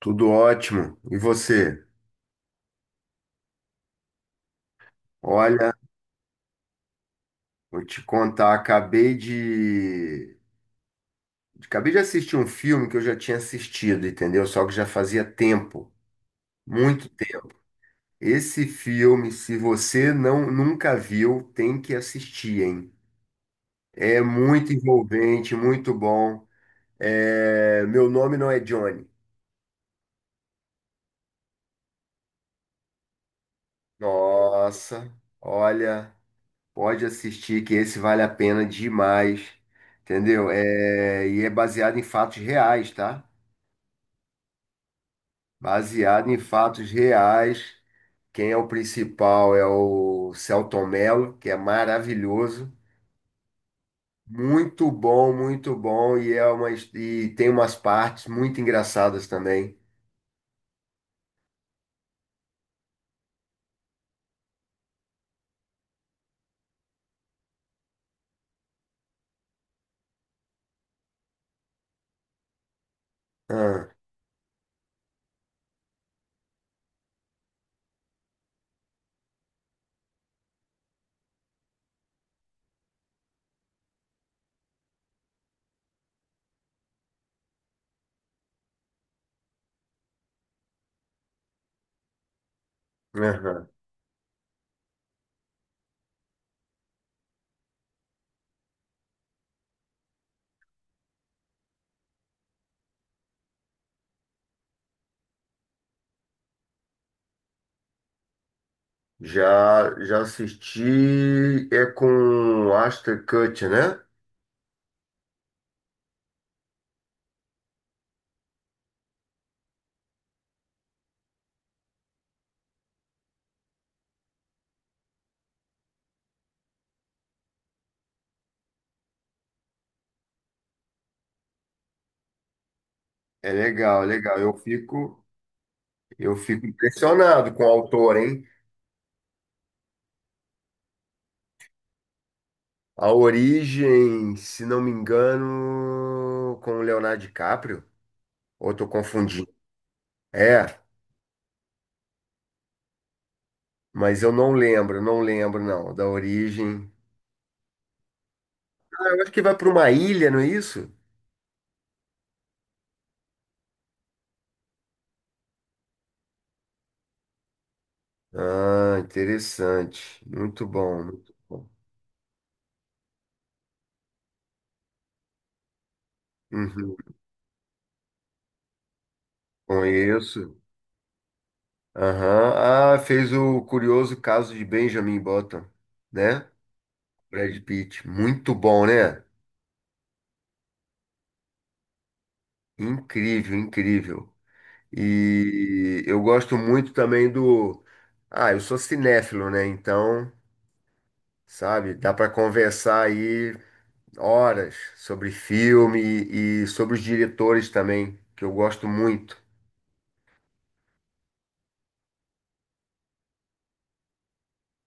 Tudo ótimo. E você? Olha, vou te contar, acabei de assistir um filme que eu já tinha assistido, entendeu? Só que já fazia tempo, muito tempo. Esse filme, se você não nunca viu, tem que assistir, hein? É muito envolvente, muito bom. Meu nome não é Johnny. Nossa, olha, pode assistir que esse vale a pena demais, entendeu? E é baseado em fatos reais, tá? Baseado em fatos reais. Quem é o principal é o Selton Mello, que é maravilhoso. Muito bom, muito bom. E, e tem umas partes muito engraçadas também. Ah, aham. Já, já assisti. É com Ashton Kutcher, né? É legal, é legal. Eu fico impressionado com o autor, hein? A origem, se não me engano, com o Leonardo DiCaprio. Ou estou confundindo? É, mas eu não lembro, não lembro não, da origem. Ah, eu acho que vai para uma ilha, não é isso? Ah, interessante. Muito bom, muito bom. Uhum. Conheço. Aham. Ah, fez o curioso caso de Benjamin Button, né? Brad Pitt. Muito bom, né? Incrível, incrível. E eu gosto muito também do. Ah, eu sou cinéfilo, né? Então, sabe, dá para conversar aí horas sobre filme e sobre os diretores também, que eu gosto muito.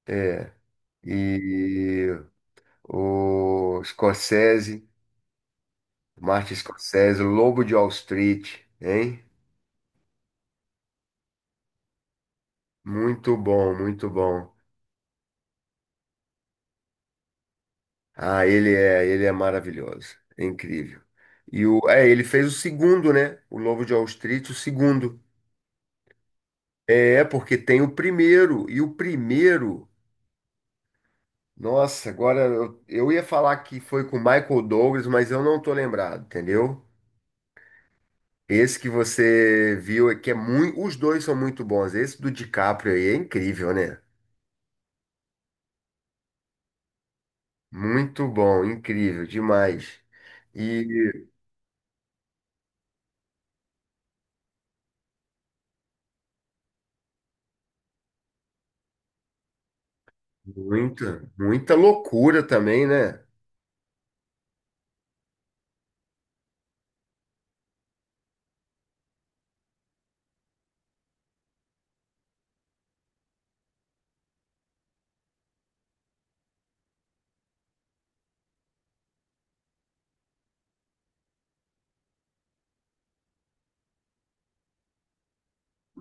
É, e o Scorsese, Martin Scorsese, Lobo de Wall Street, hein? Muito bom, muito bom. Ah, ele é maravilhoso, é incrível. Ele fez o segundo, né? O Lobo de Wall Street, o segundo. É, porque tem o primeiro, e o primeiro. Nossa, eu ia falar que foi com o Michael Douglas, mas eu não tô lembrado, entendeu? Esse que você viu é que é muito, os dois são muito bons. Esse do DiCaprio aí é incrível, né? Muito bom, incrível, demais. E muita, muita loucura também, né?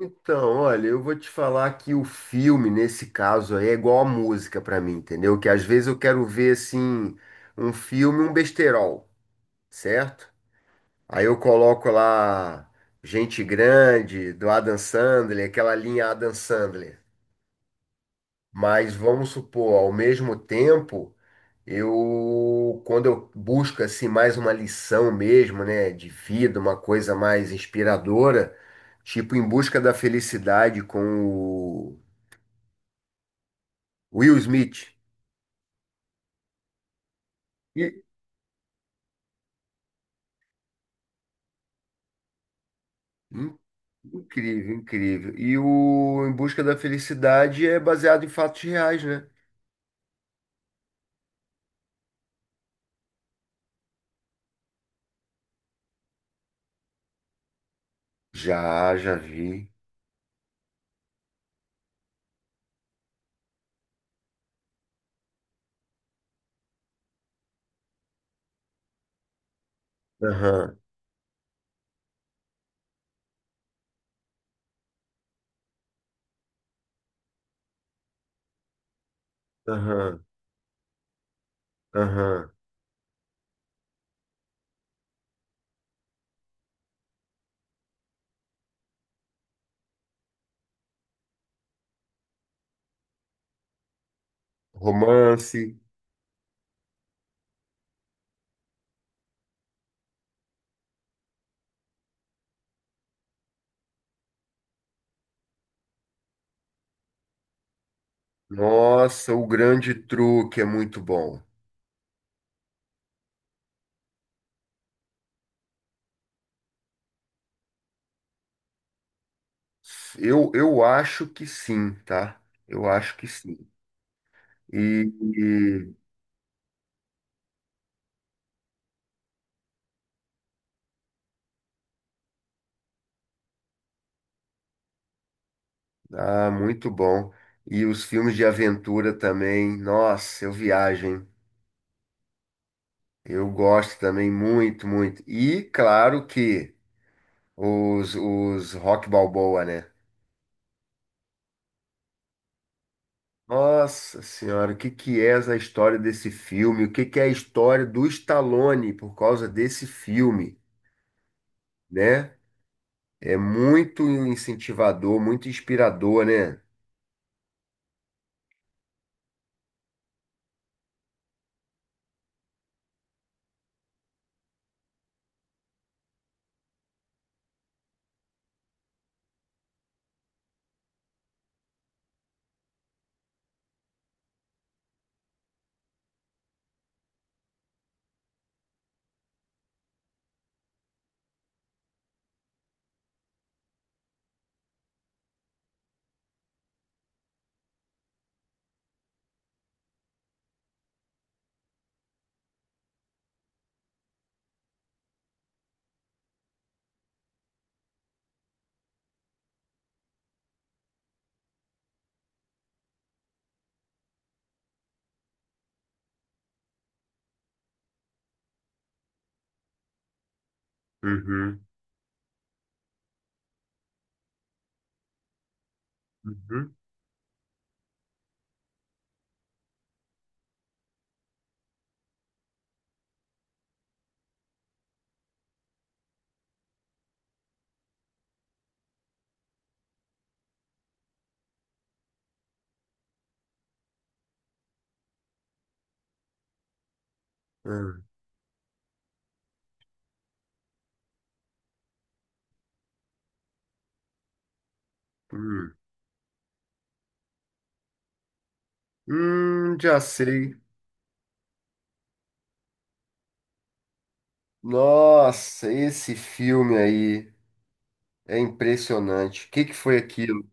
Então, olha, eu vou te falar que o filme, nesse caso aí, é igual a música pra mim, entendeu? Que às vezes eu quero ver, assim, um filme, um besterol, certo? Aí eu coloco lá Gente Grande, do Adam Sandler, aquela linha Adam Sandler. Mas vamos supor, ao mesmo tempo, eu quando eu busco assim mais uma lição mesmo, né, de vida, uma coisa mais inspiradora, tipo Em Busca da Felicidade com o Will Smith. E- in- Incrível, incrível. E o Em Busca da Felicidade é baseado em fatos reais, né? Já, já vi. Aham. Aham, aham. Romance. Nossa, o grande truque é muito bom. Eu acho que sim, tá? Eu acho que sim. E, e- ah, muito bom. E os filmes de aventura também. Nossa, eu viajo, hein? Eu gosto também muito, muito. E claro que os Rock Balboa, né? Nossa senhora, o que que é essa história desse filme? O que que é a história do Stallone por causa desse filme, né? É muito incentivador, muito inspirador, né? Uhum, uhum, hum, hum. Já sei. Nossa, esse filme aí é impressionante. O que que foi aquilo?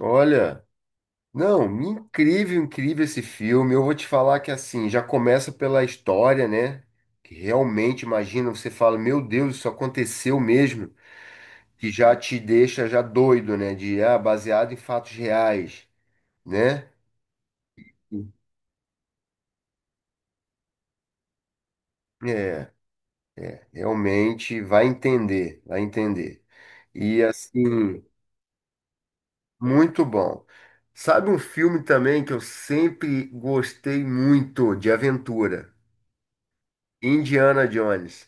Olha. Não, incrível, incrível esse filme. Eu vou te falar que assim, já começa pela história, né? Que realmente, imagina, você fala, meu Deus, isso aconteceu mesmo, que já te deixa já doido, né? De, ah, baseado em fatos reais, né? É, realmente vai entender, vai entender. E assim, muito bom. Sabe um filme também que eu sempre gostei muito de aventura? Indiana Jones.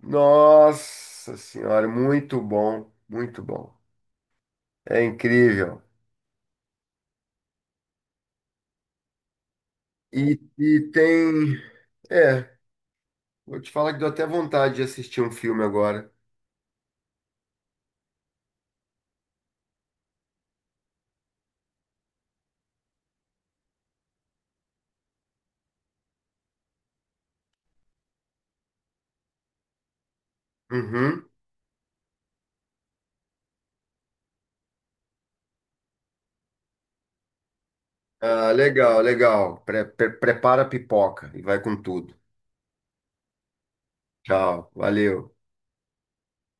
Nossa Senhora, muito bom, muito bom. É incrível. E, e tem. É, vou te falar que deu até vontade de assistir um filme agora. Uhum. Ah, legal, legal. Prepara a pipoca e vai com tudo. Tchau, valeu.